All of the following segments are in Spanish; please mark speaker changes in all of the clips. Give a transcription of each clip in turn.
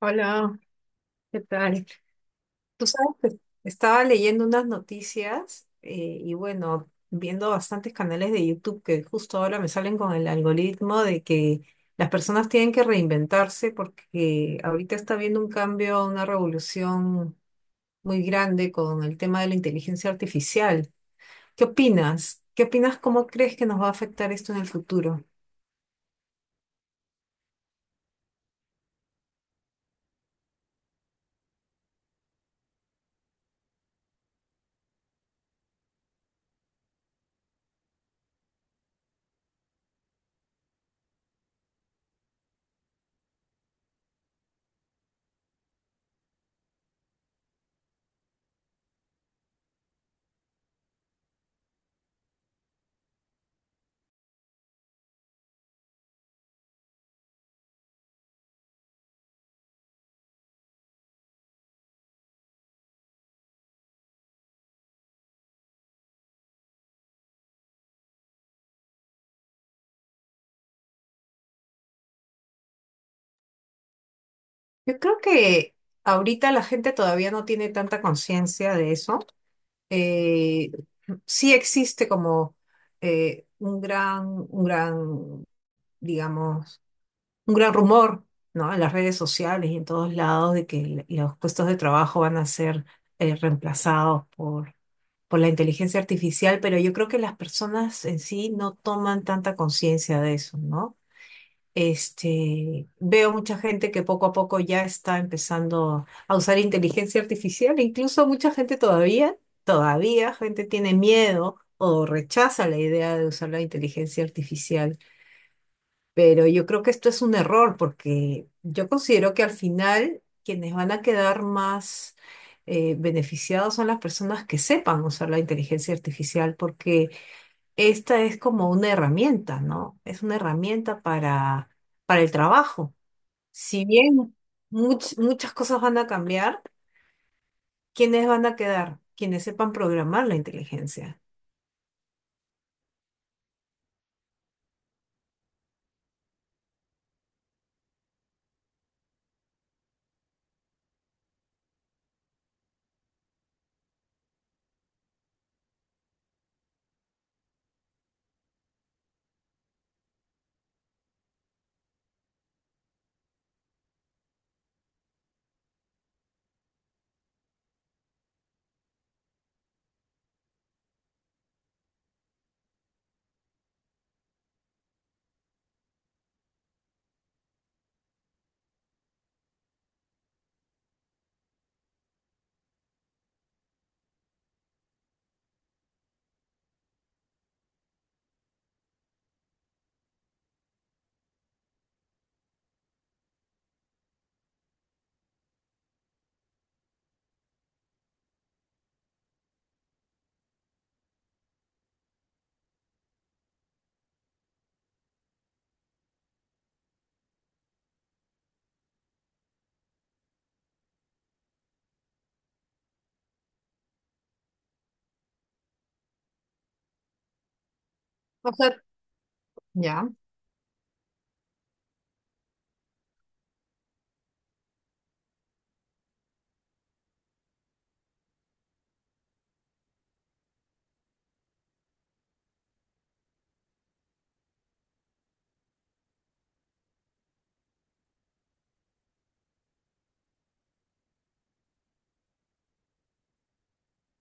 Speaker 1: Hola, ¿qué tal? Tú sabes que estaba leyendo unas noticias y bueno, viendo bastantes canales de YouTube que justo ahora me salen con el algoritmo de que las personas tienen que reinventarse porque ahorita está habiendo un cambio, una revolución muy grande con el tema de la inteligencia artificial. ¿Qué opinas? ¿Qué opinas? ¿Cómo crees que nos va a afectar esto en el futuro? Yo creo que ahorita la gente todavía no tiene tanta conciencia de eso. Eh, sí existe como eh, un gran, un gran, digamos, un gran rumor, ¿no? En las redes sociales y en todos lados de que los puestos de trabajo van a ser reemplazados por la inteligencia artificial, pero yo creo que las personas en sí no toman tanta conciencia de eso, ¿no? Este, veo mucha gente que poco a poco ya está empezando a usar inteligencia artificial, incluso todavía gente tiene miedo o rechaza la idea de usar la inteligencia artificial, pero yo creo que esto es un error porque yo considero que al final quienes van a quedar más beneficiados son las personas que sepan usar la inteligencia artificial porque esta es como una herramienta, ¿no? Es una herramienta para el trabajo. Si bien muchas cosas van a cambiar, ¿quiénes van a quedar? Quienes sepan programar la inteligencia. O sea, ya.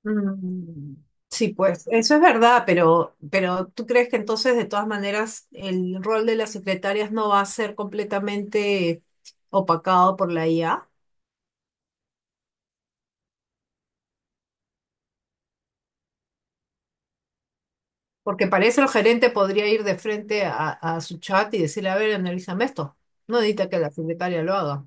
Speaker 1: Mm, sí, pues eso es verdad, pero, ¿pero tú crees que entonces de todas maneras el rol de las secretarias no va a ser completamente opacado por la IA? Porque para eso el gerente podría ir de frente a su chat y decirle, a ver, analízame esto. No necesita que la secretaria lo haga.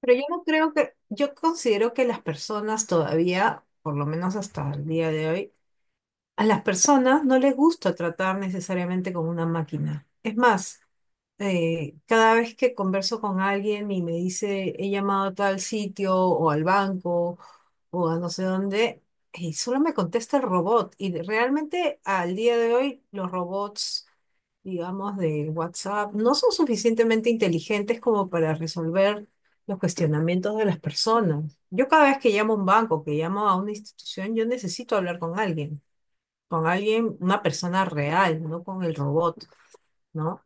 Speaker 1: Pero yo no creo que, yo considero que las personas todavía, por lo menos hasta el día de hoy, a las personas no les gusta tratar necesariamente como una máquina. Es más, cada vez que converso con alguien y me dice he llamado a tal sitio o al banco o a no sé dónde, y solo me contesta el robot. Realmente al día de hoy los robots, digamos, de WhatsApp no son suficientemente inteligentes como para resolver los cuestionamientos de las personas. Yo cada vez que llamo a un banco, que llamo a una institución, yo necesito hablar con alguien, una persona real, no con el robot. ¿No?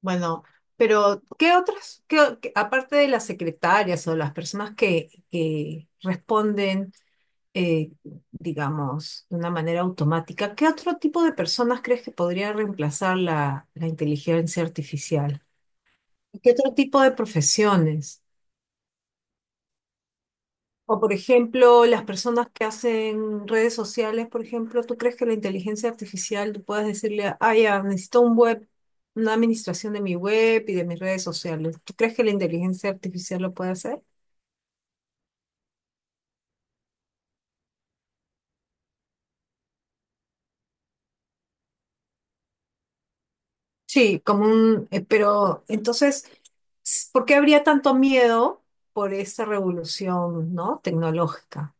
Speaker 1: Bueno, pero ¿qué aparte de las secretarias o las personas que responden, eh, digamos, de una manera automática, ¿qué otro tipo de personas crees que podría reemplazar la inteligencia artificial? ¿Qué otro tipo de profesiones? O por ejemplo, las personas que hacen redes sociales, por ejemplo, ¿tú crees que la inteligencia artificial, tú puedes decirle, ah, ya, necesito un web, una administración de mi web y de mis redes sociales? ¿Tú crees que la inteligencia artificial lo puede hacer? Sí, como un, pero entonces, ¿por qué habría tanto miedo por esa revolución, ¿no?, tecnológica?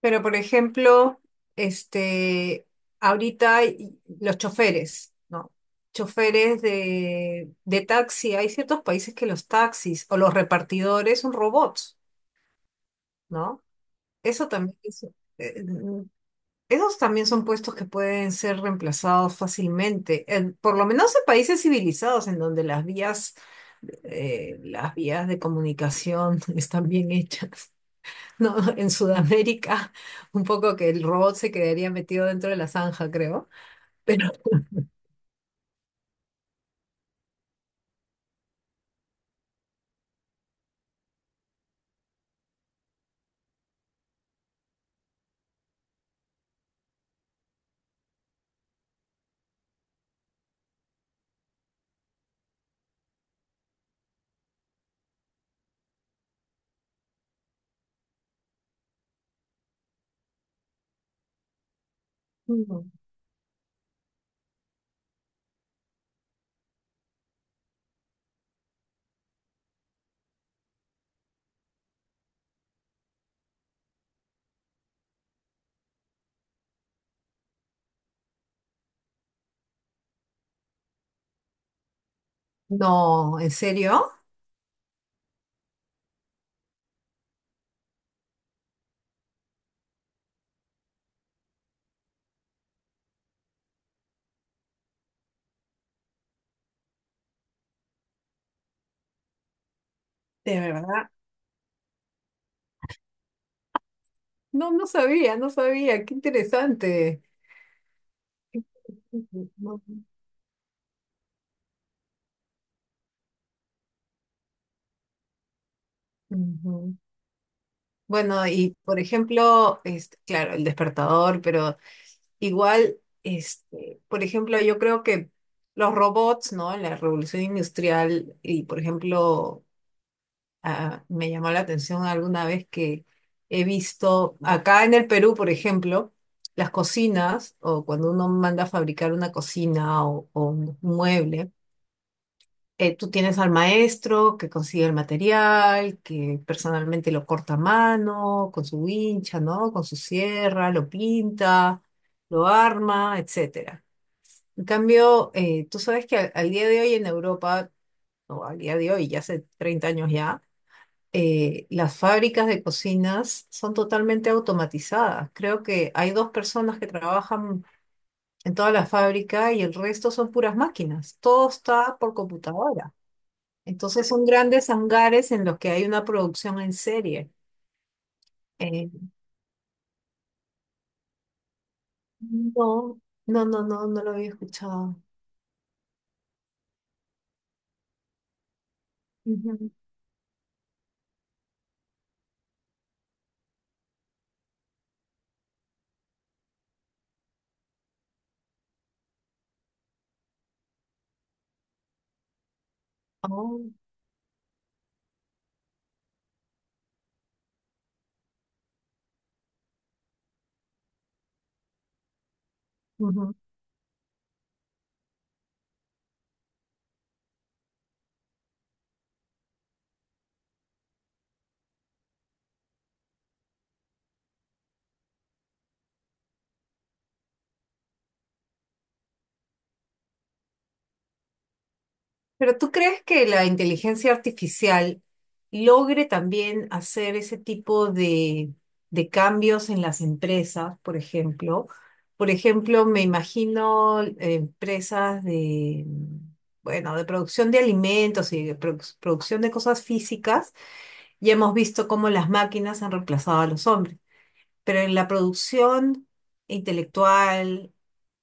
Speaker 1: Pero, por ejemplo, este, ahorita hay los choferes, ¿no? Choferes de taxi, hay ciertos países que los taxis o los repartidores son robots, ¿no? Eso también es- eh, mm, Esos también son puestos que pueden ser reemplazados fácilmente, por lo menos en países civilizados en donde las vías de comunicación están bien hechas. No, en Sudamérica, un poco que el robot se quedaría metido dentro de la zanja, creo. Pero no, no, ¿en serio? De verdad. No, no sabía, no sabía. Qué interesante. Ujú. Ujú. Bueno, y por ejemplo, este, claro, el despertador, pero igual, este, por ejemplo, yo creo que los robots, ¿no? En la revolución industrial y, por ejemplo, ah, me llamó la atención alguna vez que he visto acá en el Perú, por ejemplo, las cocinas o cuando uno manda a fabricar una cocina o un mueble, tú tienes al maestro que consigue el material, que personalmente lo corta a mano, con su wincha, ¿no? Con su sierra, lo pinta, lo arma, etcétera. En cambio, tú sabes que al día de hoy en Europa, o al día de hoy, ya hace 30 años ya, las fábricas de cocinas son totalmente automatizadas. Creo que hay dos personas que trabajan en toda la fábrica y el resto son puras máquinas. Todo está por computadora. Entonces son grandes hangares en los que hay una producción en serie. Eh, no, no, no, no, no lo había escuchado. Ujú. Oh, ujú. Pero ¿tú crees que la inteligencia artificial logre también hacer ese tipo de cambios en las empresas, por ejemplo? Por ejemplo, me imagino empresas de, bueno, de producción de alimentos y de producción de cosas físicas. Ya hemos visto cómo las máquinas han reemplazado a los hombres, pero en la producción intelectual,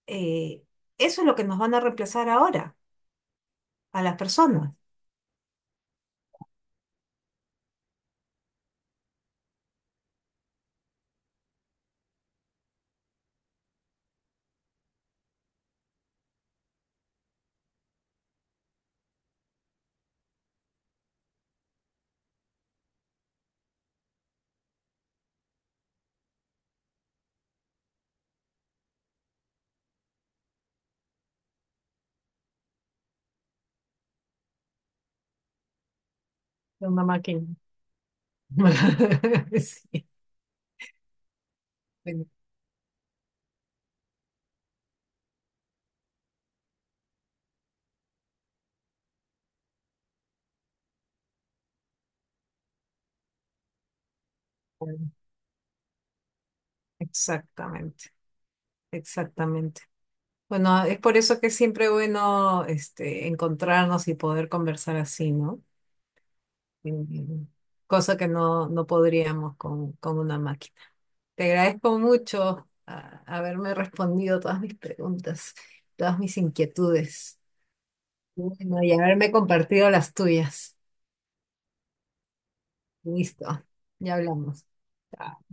Speaker 1: eh, eso es lo que nos van a reemplazar ahora, a las personas. De una máquina. Sí, exactamente, exactamente. Bueno, es por eso que es siempre bueno este, encontrarnos y poder conversar así, ¿no? Mm, cosa que no, no podríamos con una máquina. Te agradezco mucho haberme respondido todas mis preguntas, todas mis inquietudes. Bueno, y haberme compartido las tuyas. Listo, ya hablamos. Chao.